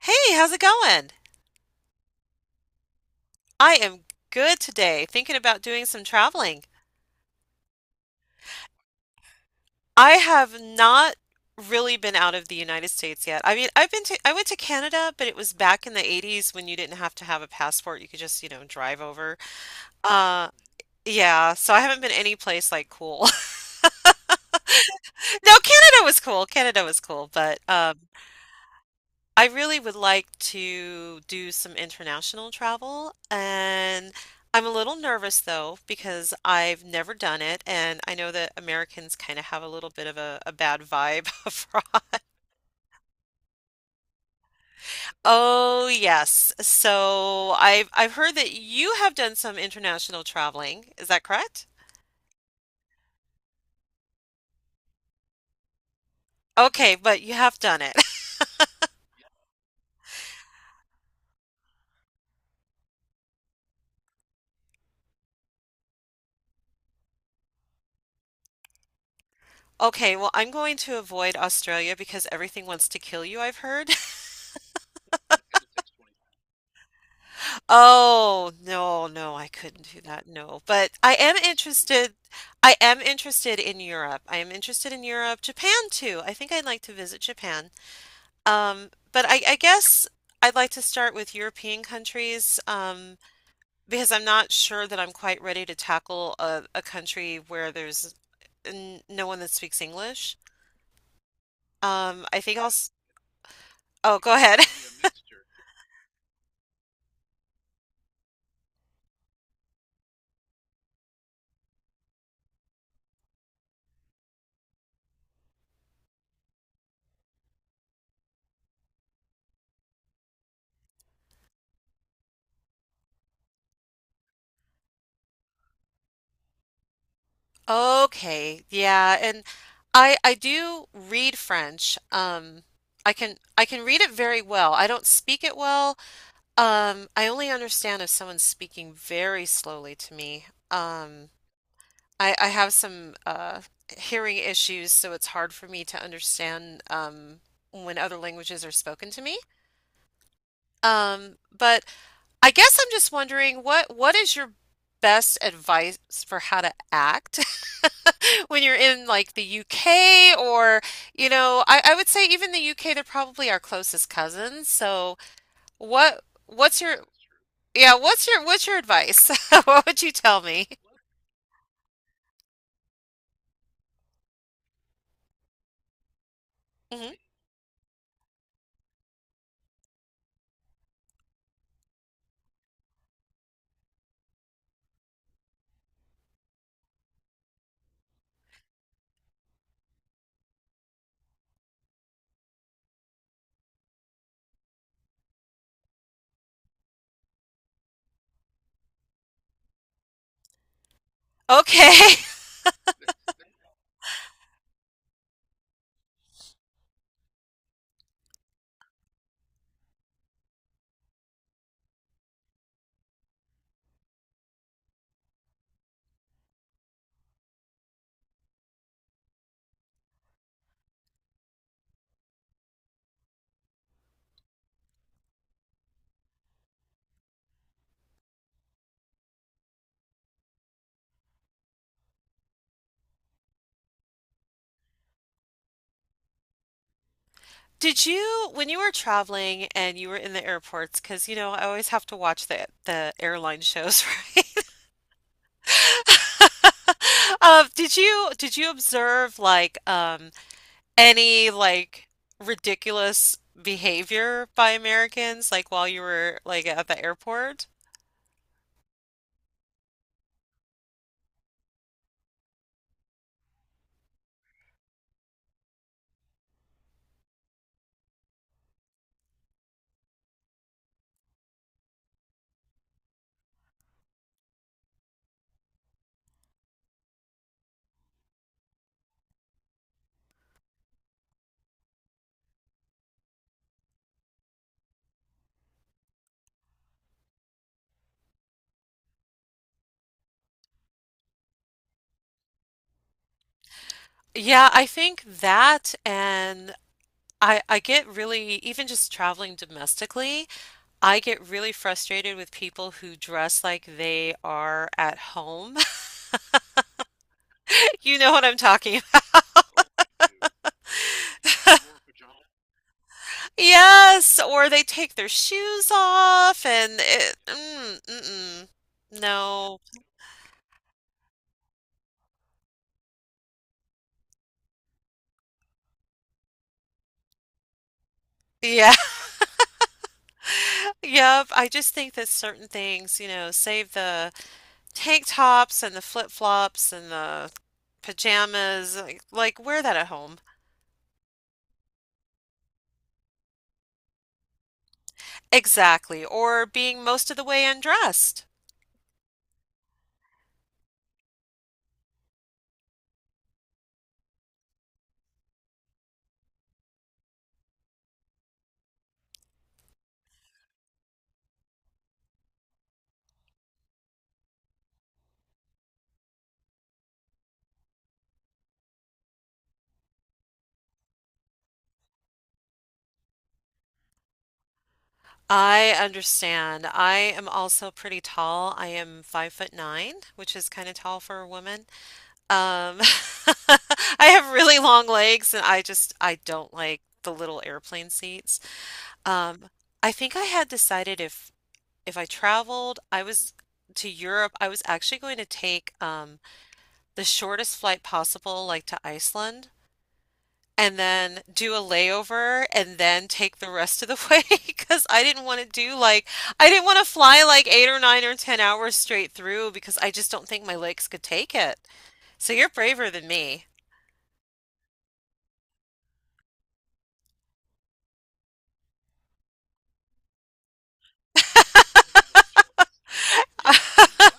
Hey, how's it going? I am good today, thinking about doing some traveling. I have not really been out of the United States yet. I went to Canada, but it was back in the 80's when you didn't have to have a passport. You could just, drive over. Uh, yeah, so I haven't been any place like cool. No, Canada was cool. Canada was cool, but I really would like to do some international travel, and I'm a little nervous though because I've never done it, and I know that Americans kind of have a little bit of a bad vibe abroad. Oh yes, so I've heard that you have done some international traveling. Is that correct? Okay, but you have done it. Okay, well, I'm going to avoid Australia because everything wants to kill you, I've heard. Oh, no, no, I couldn't do that, no, but I am interested in Europe. I am interested in Europe, Japan too. I think I'd like to visit Japan. But I guess I'd like to start with European countries, because I'm not sure that I'm quite ready to tackle a country where there's n no one that speaks English. I think I'll, s- oh, go ahead. Okay, yeah, and I do read French. I can read it very well. I don't speak it well. I only understand if someone's speaking very slowly to me. Um, I have some hearing issues, so it's hard for me to understand when other languages are spoken to me. But I guess I'm just wondering what is your best advice for how to act when you're in like the UK or, I would say even the UK they're probably our closest cousins. So what what's your yeah what's your what's your advice? What would you tell me? Mhm. Okay. Did you, when you were traveling and you were in the airports, because you know, I always have to watch the airline shows, right? Did you observe like any like ridiculous behavior by Americans like while you were like at the airport? Yeah, I think that and I get really even just traveling domestically, I get really frustrated with people who dress like they are at home. You know what I'm talking. Yes, or they take their shoes off and it, mm-mm. No. Yeah, yep. I just think that certain things, you know, save the tank tops and the flip-flops and the pajamas, like wear that at home. Exactly. Or being most of the way undressed. I understand. I am also pretty tall. I am 5 foot nine, which is kind of tall for a woman. Um, I have really long legs and I don't like the little airplane seats. Um, I think I had decided if I traveled, I was to Europe, I was actually going to take the shortest flight possible, like to Iceland, and then do a layover and then take the rest of the way because I didn't want to fly like 8 or 9 or 10 hours straight through because I just don't think my legs could take it. So you're braver than me.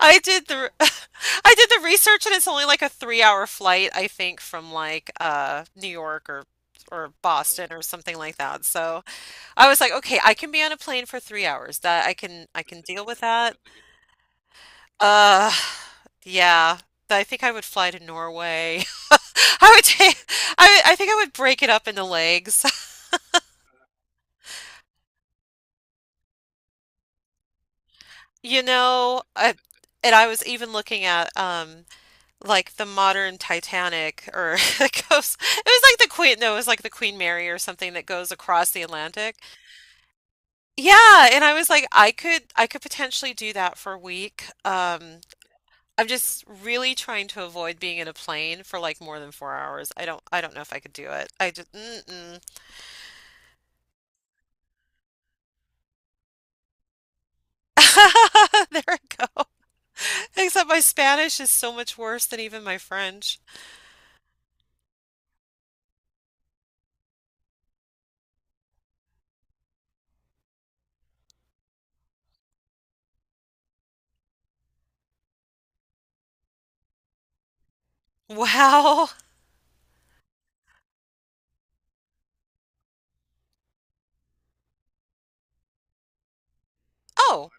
I did the I did the research and it's only like a 3 hour flight, I think, from like New York or Boston or something like that. So I was like, okay, I can be on a plane for 3 hours. That I can deal with that. Uh, yeah. I think I would fly to Norway. I would take, I think I would break it up into legs. You know, I, and I was even looking at like the modern Titanic or it goes it was like the Queen no, it was like the Queen Mary or something that goes across the Atlantic. Yeah, and I was like I could potentially do that for a week. I'm just really trying to avoid being in a plane for like more than 4 hours. I don't know if I could do it. I just mm-mm. There I go. Except my Spanish is so much worse than even my French. Wow. Oh,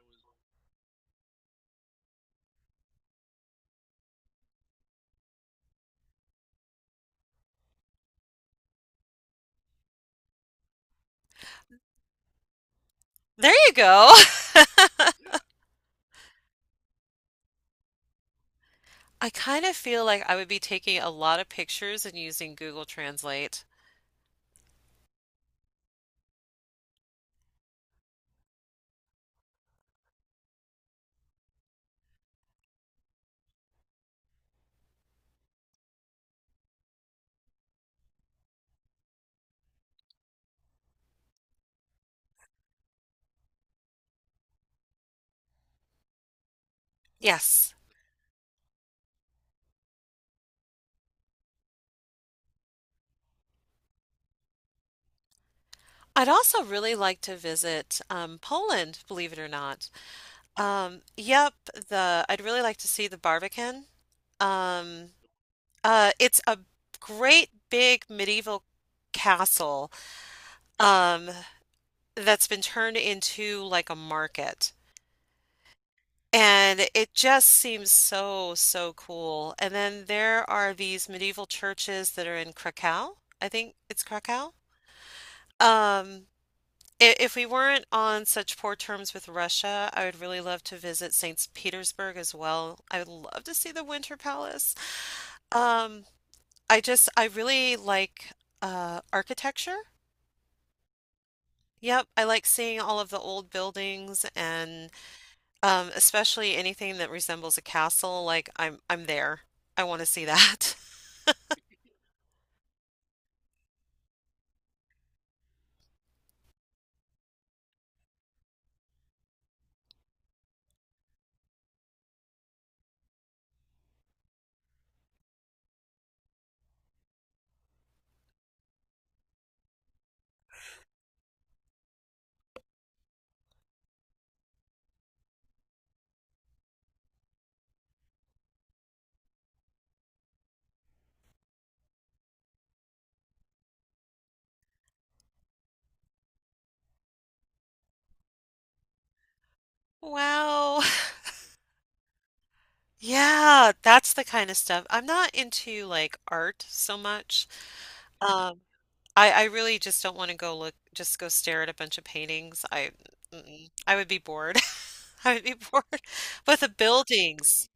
there you go. I kind of feel like I would be taking a lot of pictures and using Google Translate. Yes. I'd also really like to visit Poland, believe it or not. Yep, the I'd really like to see the Barbican. Um, it's a great big medieval castle, um, that's been turned into like a market. And it just seems so, so cool. And then there are these medieval churches that are in Krakow. I think it's Krakow. Um, if we weren't on such poor terms with Russia, I would really love to visit St. Petersburg as well. I would love to see the Winter Palace. Um, I just, I really like architecture. Yep, I like seeing all of the old buildings. And especially anything that resembles a castle, like I'm there. I want to see that. Wow. Yeah, that's the kind of stuff. I'm not into like art so much. Um, I really just don't want to go look, just go stare at a bunch of paintings. I mm-mm. I would be bored. I would be bored. But the buildings.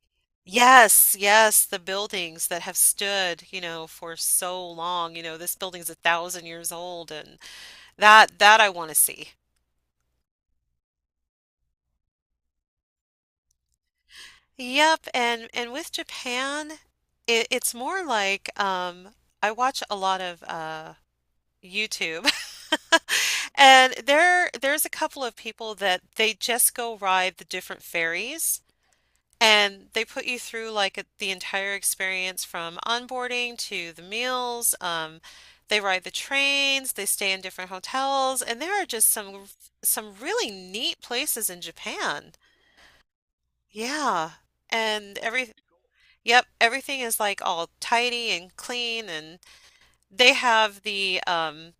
Yes, yes, the buildings that have stood, you know, for so long. You know, this building's a thousand years old and that I want to see. Yep, and with Japan, it's more like I watch a lot of YouTube, and there's a couple of people that they just go ride the different ferries, and they put you through like the entire experience from onboarding to the meals. They ride the trains, they stay in different hotels, and there are just some really neat places in Japan. Yeah. And every Yep, everything is like all tidy and clean, and they have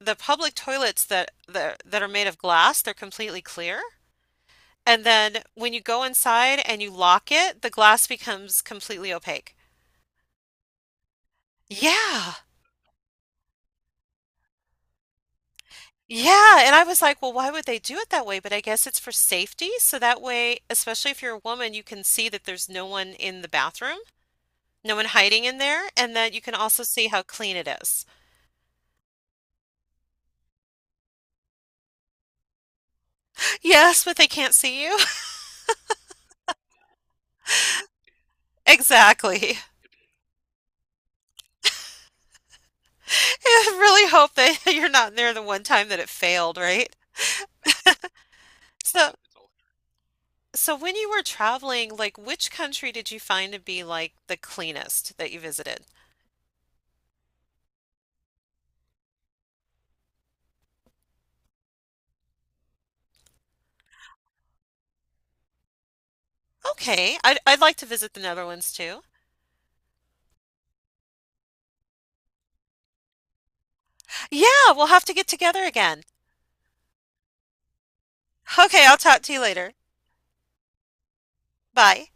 the public toilets that are made of glass, they're completely clear. And then when you go inside and you lock it, the glass becomes completely opaque. Yeah. Yeah, and I was like, well, why would they do it that way? But I guess it's for safety, so that way, especially if you're a woman, you can see that there's no one in the bathroom, no one hiding in there, and that you can also see how clean it is. Yes, but they can't see you. Exactly. I really hope that you're not there the one time that it failed, right? So, so when you were traveling, like which country did you find to be like the cleanest that you visited? Okay, I'd like to visit the Netherlands too. Yeah, we'll have to get together again. Okay, I'll talk to you later. Bye.